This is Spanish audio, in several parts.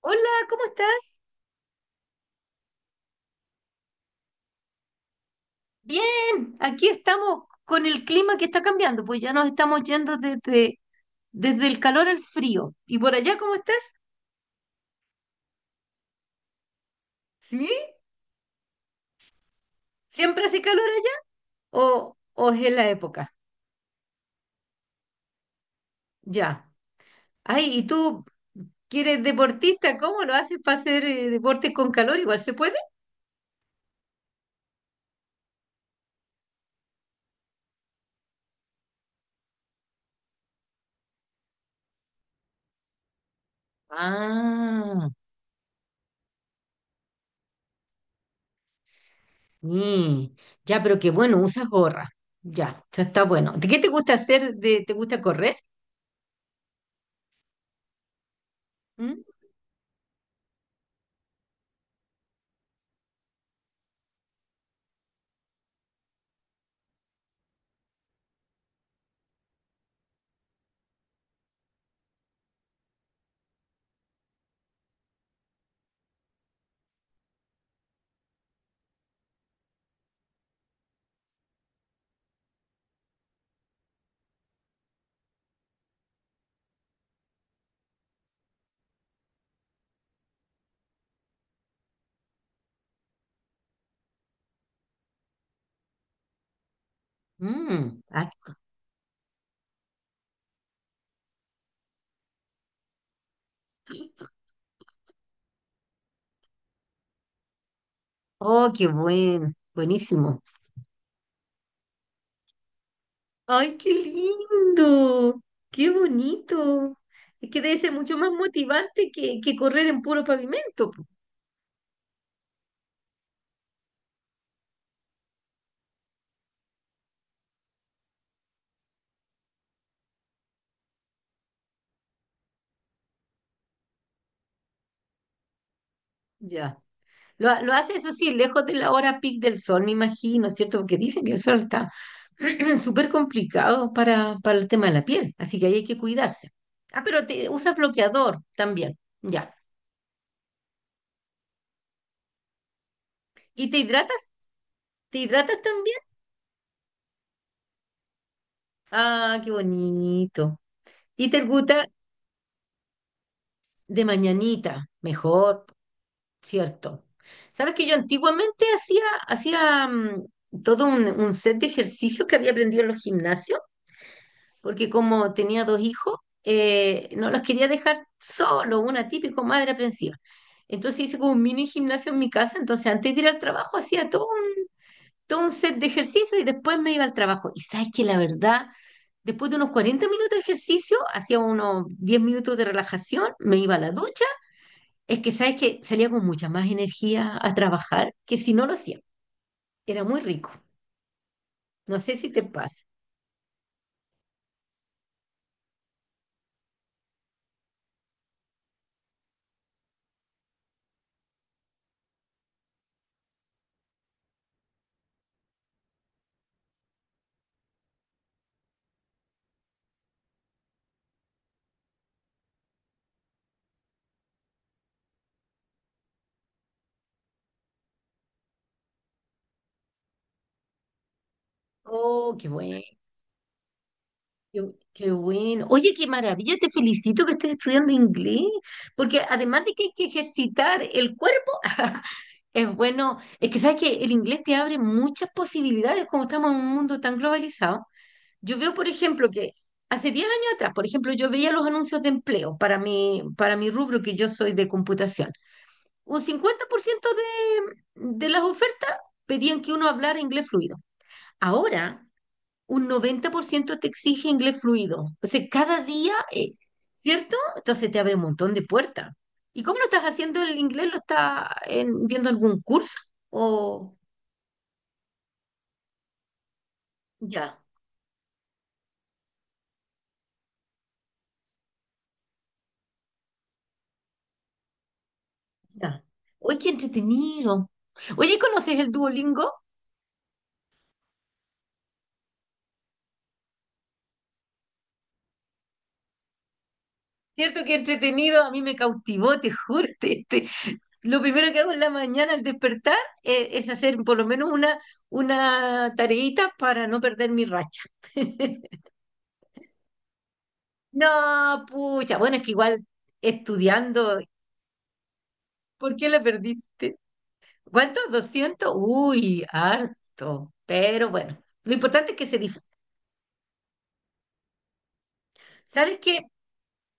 Hola, ¿cómo estás? Bien, aquí estamos con el clima que está cambiando, pues ya nos estamos yendo desde el calor al frío. ¿Y por allá cómo estás? ¿Sí? ¿Siempre hace calor allá? ¿O es en la época? Ya. Ay, ¿y tú que eres deportista? ¿Cómo lo haces para hacer deporte con calor? ¿Igual se puede? Ah, mm, ya, pero qué bueno, usas gorra. Ya, está bueno. ¿De qué te gusta hacer? ¿Te gusta correr? ¿Mm? Mm, ah, oh, qué buenísimo. Ay, qué lindo, qué bonito. Es que debe ser mucho más motivante que correr en puro pavimento, po. Ya. Lo hace eso sí, lejos de la hora pic del sol, me imagino, ¿cierto? Porque dicen que el sol está súper complicado para el tema de la piel, así que ahí hay que cuidarse. Ah, pero te usas bloqueador también, ya. ¿Y te hidratas? ¿Te hidratas también? Ah, qué bonito. Y te gusta de mañanita, mejor. Cierto. Sabes que yo antiguamente hacía todo un set de ejercicios que había aprendido en los gimnasios, porque como tenía dos hijos, no los quería dejar solo, una típico madre aprensiva. Entonces hice como un mini gimnasio en mi casa, entonces antes de ir al trabajo hacía todo un set de ejercicios y después me iba al trabajo. Y sabes que la verdad, después de unos 40 minutos de ejercicio, hacía unos 10 minutos de relajación, me iba a la ducha. Es que sabes que salía con mucha más energía a trabajar que si no lo hacía. Era muy rico. No sé si te pasa. Oh, qué bueno, qué, qué bueno. Oye, qué maravilla, te felicito que estés estudiando inglés, porque además de que hay que ejercitar el cuerpo, es bueno. Es que sabes que el inglés te abre muchas posibilidades como estamos en un mundo tan globalizado. Yo veo, por ejemplo, que hace 10 años atrás, por ejemplo, yo veía los anuncios de empleo para mi rubro, que yo soy de computación. Un 50% de las ofertas pedían que uno hablara inglés fluido. Ahora, un 90% te exige inglés fluido. O sea, cada día es, ¿cierto? Entonces te abre un montón de puertas. ¿Y cómo lo estás haciendo el inglés? ¿Lo estás viendo algún curso? O ya, ya. Oye, qué entretenido. Oye, ¿conoces el Duolingo? Cierto que entretenido, a mí me cautivó, te juro. Lo primero que hago en la mañana al despertar es hacer por lo menos una tareita para no perder mi racha. No, pucha, bueno, es que igual estudiando, ¿por qué la perdiste? ¿Cuántos? 200. Uy, harto. Pero bueno, lo importante es que se disfrute. ¿Sabes qué?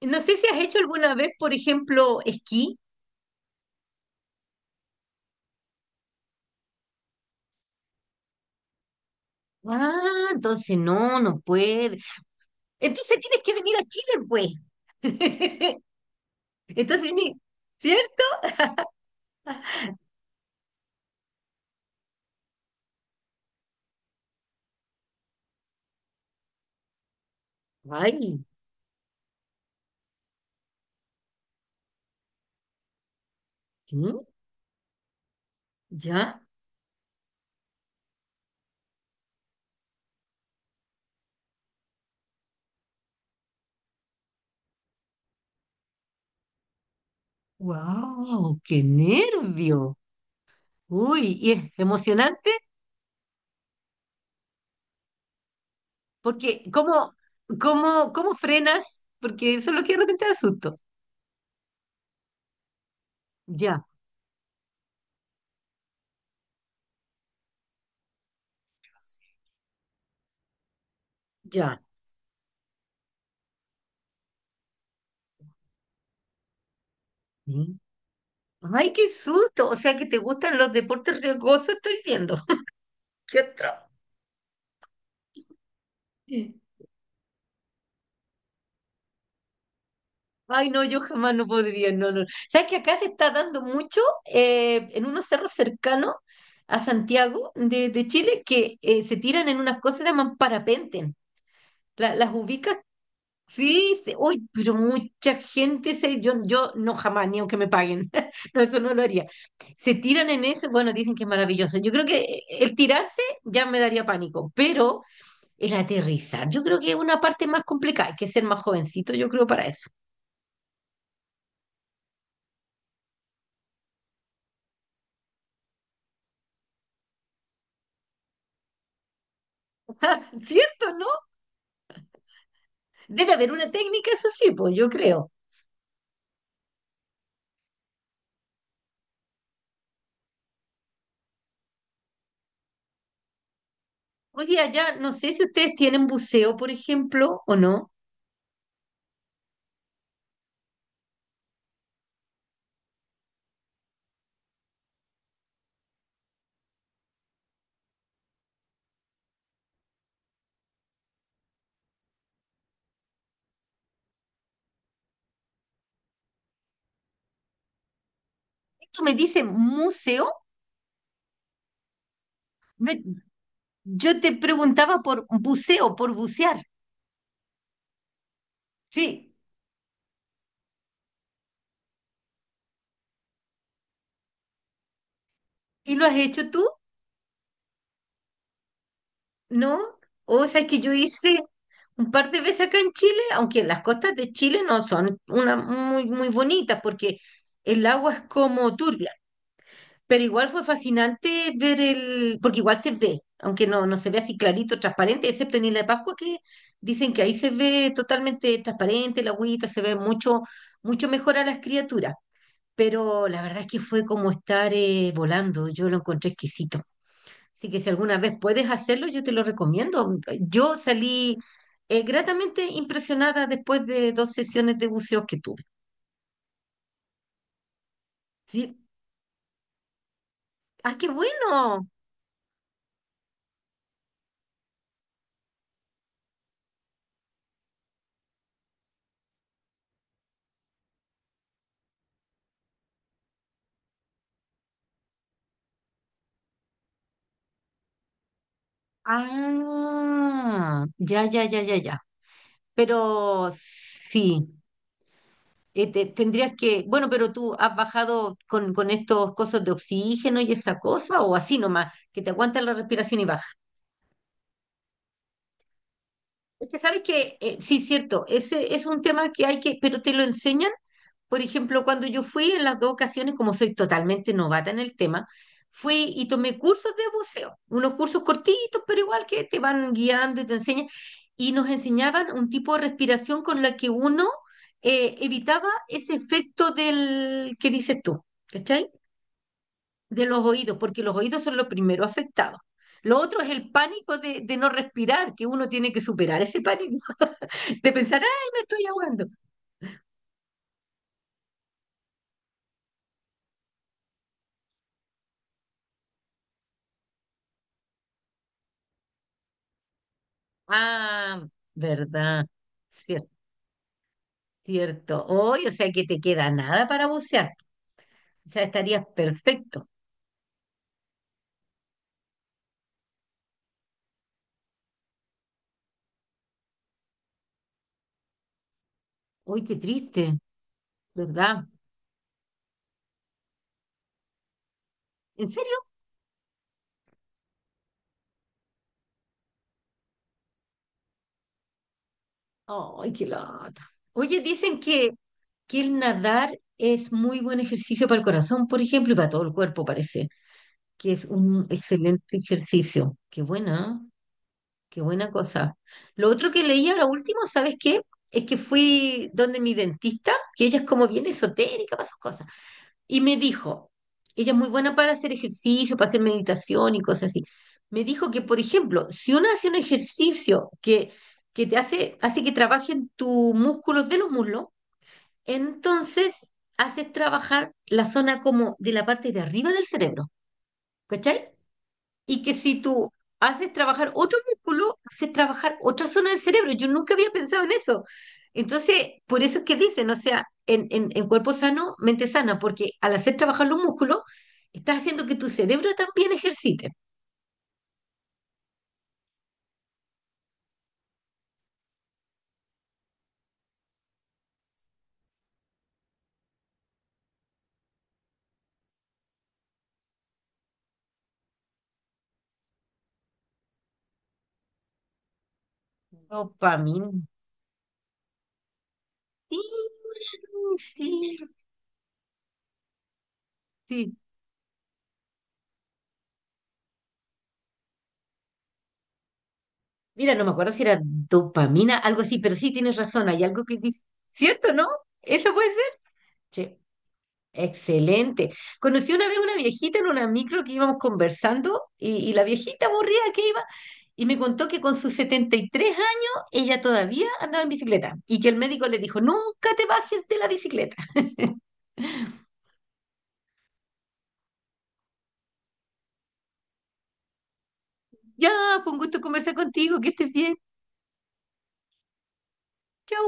No sé si has hecho alguna vez, por ejemplo, esquí. Ah, entonces no, no puede. Entonces tienes que venir a Chile, pues. Entonces, ¿cierto? Ay, ¿sí? ¿Ya? ¡Wow! ¡Qué nervio! Uy, y es emocionante, porque ¿cómo frenas? Porque eso es lo que de repente da susto. Ya, ya. ¿Sí? ¡Ay, qué susto! O sea que te gustan los deportes riesgosos, estoy viendo. ¡Qué atroz! Ay, no, yo jamás no podría, no, no. ¿Sabes que acá se está dando mucho en unos cerros cercanos a Santiago de Chile que se tiran en unas cosas que se llaman parapenten? Las ubicas? Sí, sí, uy, pero mucha yo no jamás, ni aunque me paguen, no, eso no lo haría. Se tiran en eso, bueno, dicen que es maravilloso. Yo creo que el tirarse ya me daría pánico, pero el aterrizar, yo creo que es una parte más complicada, hay que ser más jovencito, yo creo, para eso. ¿Cierto, no? Debe haber una técnica, eso sí, pues yo creo. Oye, allá, no sé si ustedes tienen buceo, por ejemplo, o no. Tú me dices museo. Me- yo te preguntaba por buceo, por bucear. Sí. ¿Y lo has hecho tú? ¿No? O sea, que yo hice un par de veces acá en Chile, aunque las costas de Chile no son una muy, muy bonitas porque el agua es como turbia, pero igual fue fascinante ver porque igual se ve, aunque no se ve así clarito, transparente, excepto en Isla de Pascua que dicen que ahí se ve totalmente transparente la agüita, se ve mucho, mucho mejor a las criaturas. Pero la verdad es que fue como estar volando, yo lo encontré exquisito. Así que si alguna vez puedes hacerlo, yo te lo recomiendo. Yo salí gratamente impresionada después de dos sesiones de buceo que tuve. Sí. ¡Ah, qué bueno! Ah, ya, ya, ya, ya, ya. Pero sí, tendrías que, bueno, pero tú has bajado con estos cosas de oxígeno y esa cosa, o así nomás, que te aguanta la respiración y baja. Es que sabes que, sí, cierto, ese es un tema que hay que, pero te lo enseñan. Por ejemplo, cuando yo fui en las dos ocasiones, como soy totalmente novata en el tema, fui y tomé cursos de buceo, unos cursos cortitos, pero igual que te van guiando y te enseñan, y nos enseñaban un tipo de respiración con la que uno evitaba ese efecto del que dices tú, ¿cachai? De los oídos, porque los oídos son los primeros afectados. Lo otro es el pánico de no respirar, que uno tiene que superar ese pánico, de pensar, ay, me estoy ahogando. Ah, verdad. Cierto. Hoy, o sea que te queda nada para bucear. O sea, estarías perfecto. Uy, qué triste, ¿verdad? ¿En serio? Ay, qué lata. Oye, dicen que el nadar es muy buen ejercicio para el corazón, por ejemplo, y para todo el cuerpo, parece, que es un excelente ejercicio. Qué buena, ¿eh? Qué buena cosa. Lo otro que leí ahora último, ¿sabes qué? Es que fui donde mi dentista, que ella es como bien esotérica para sus cosas. Y me dijo, ella es muy buena para hacer ejercicio, para hacer meditación y cosas así. Me dijo que, por ejemplo, si uno hace un ejercicio que hace que trabajen tus músculos de los muslos, entonces haces trabajar la zona como de la parte de arriba del cerebro, ¿cachai? Y que si tú haces trabajar otro músculo, haces trabajar otra zona del cerebro. Yo nunca había pensado en eso. Entonces, por eso es que dicen, o sea, en cuerpo sano, mente sana, porque al hacer trabajar los músculos, estás haciendo que tu cerebro también ejercite. Dopamina. Sí, sí, sí. Mira, no me acuerdo si era dopamina, algo así, pero sí tienes razón, hay algo que dice, ¿cierto, no? ¿Eso puede ser? Sí. Excelente. Conocí una vez una viejita en una micro que íbamos conversando y la viejita aburrida que iba y me contó que con sus 73 años ella todavía andaba en bicicleta y que el médico le dijo, nunca te bajes de la bicicleta. Ya, fue un gusto conversar contigo, que estés bien. Chau.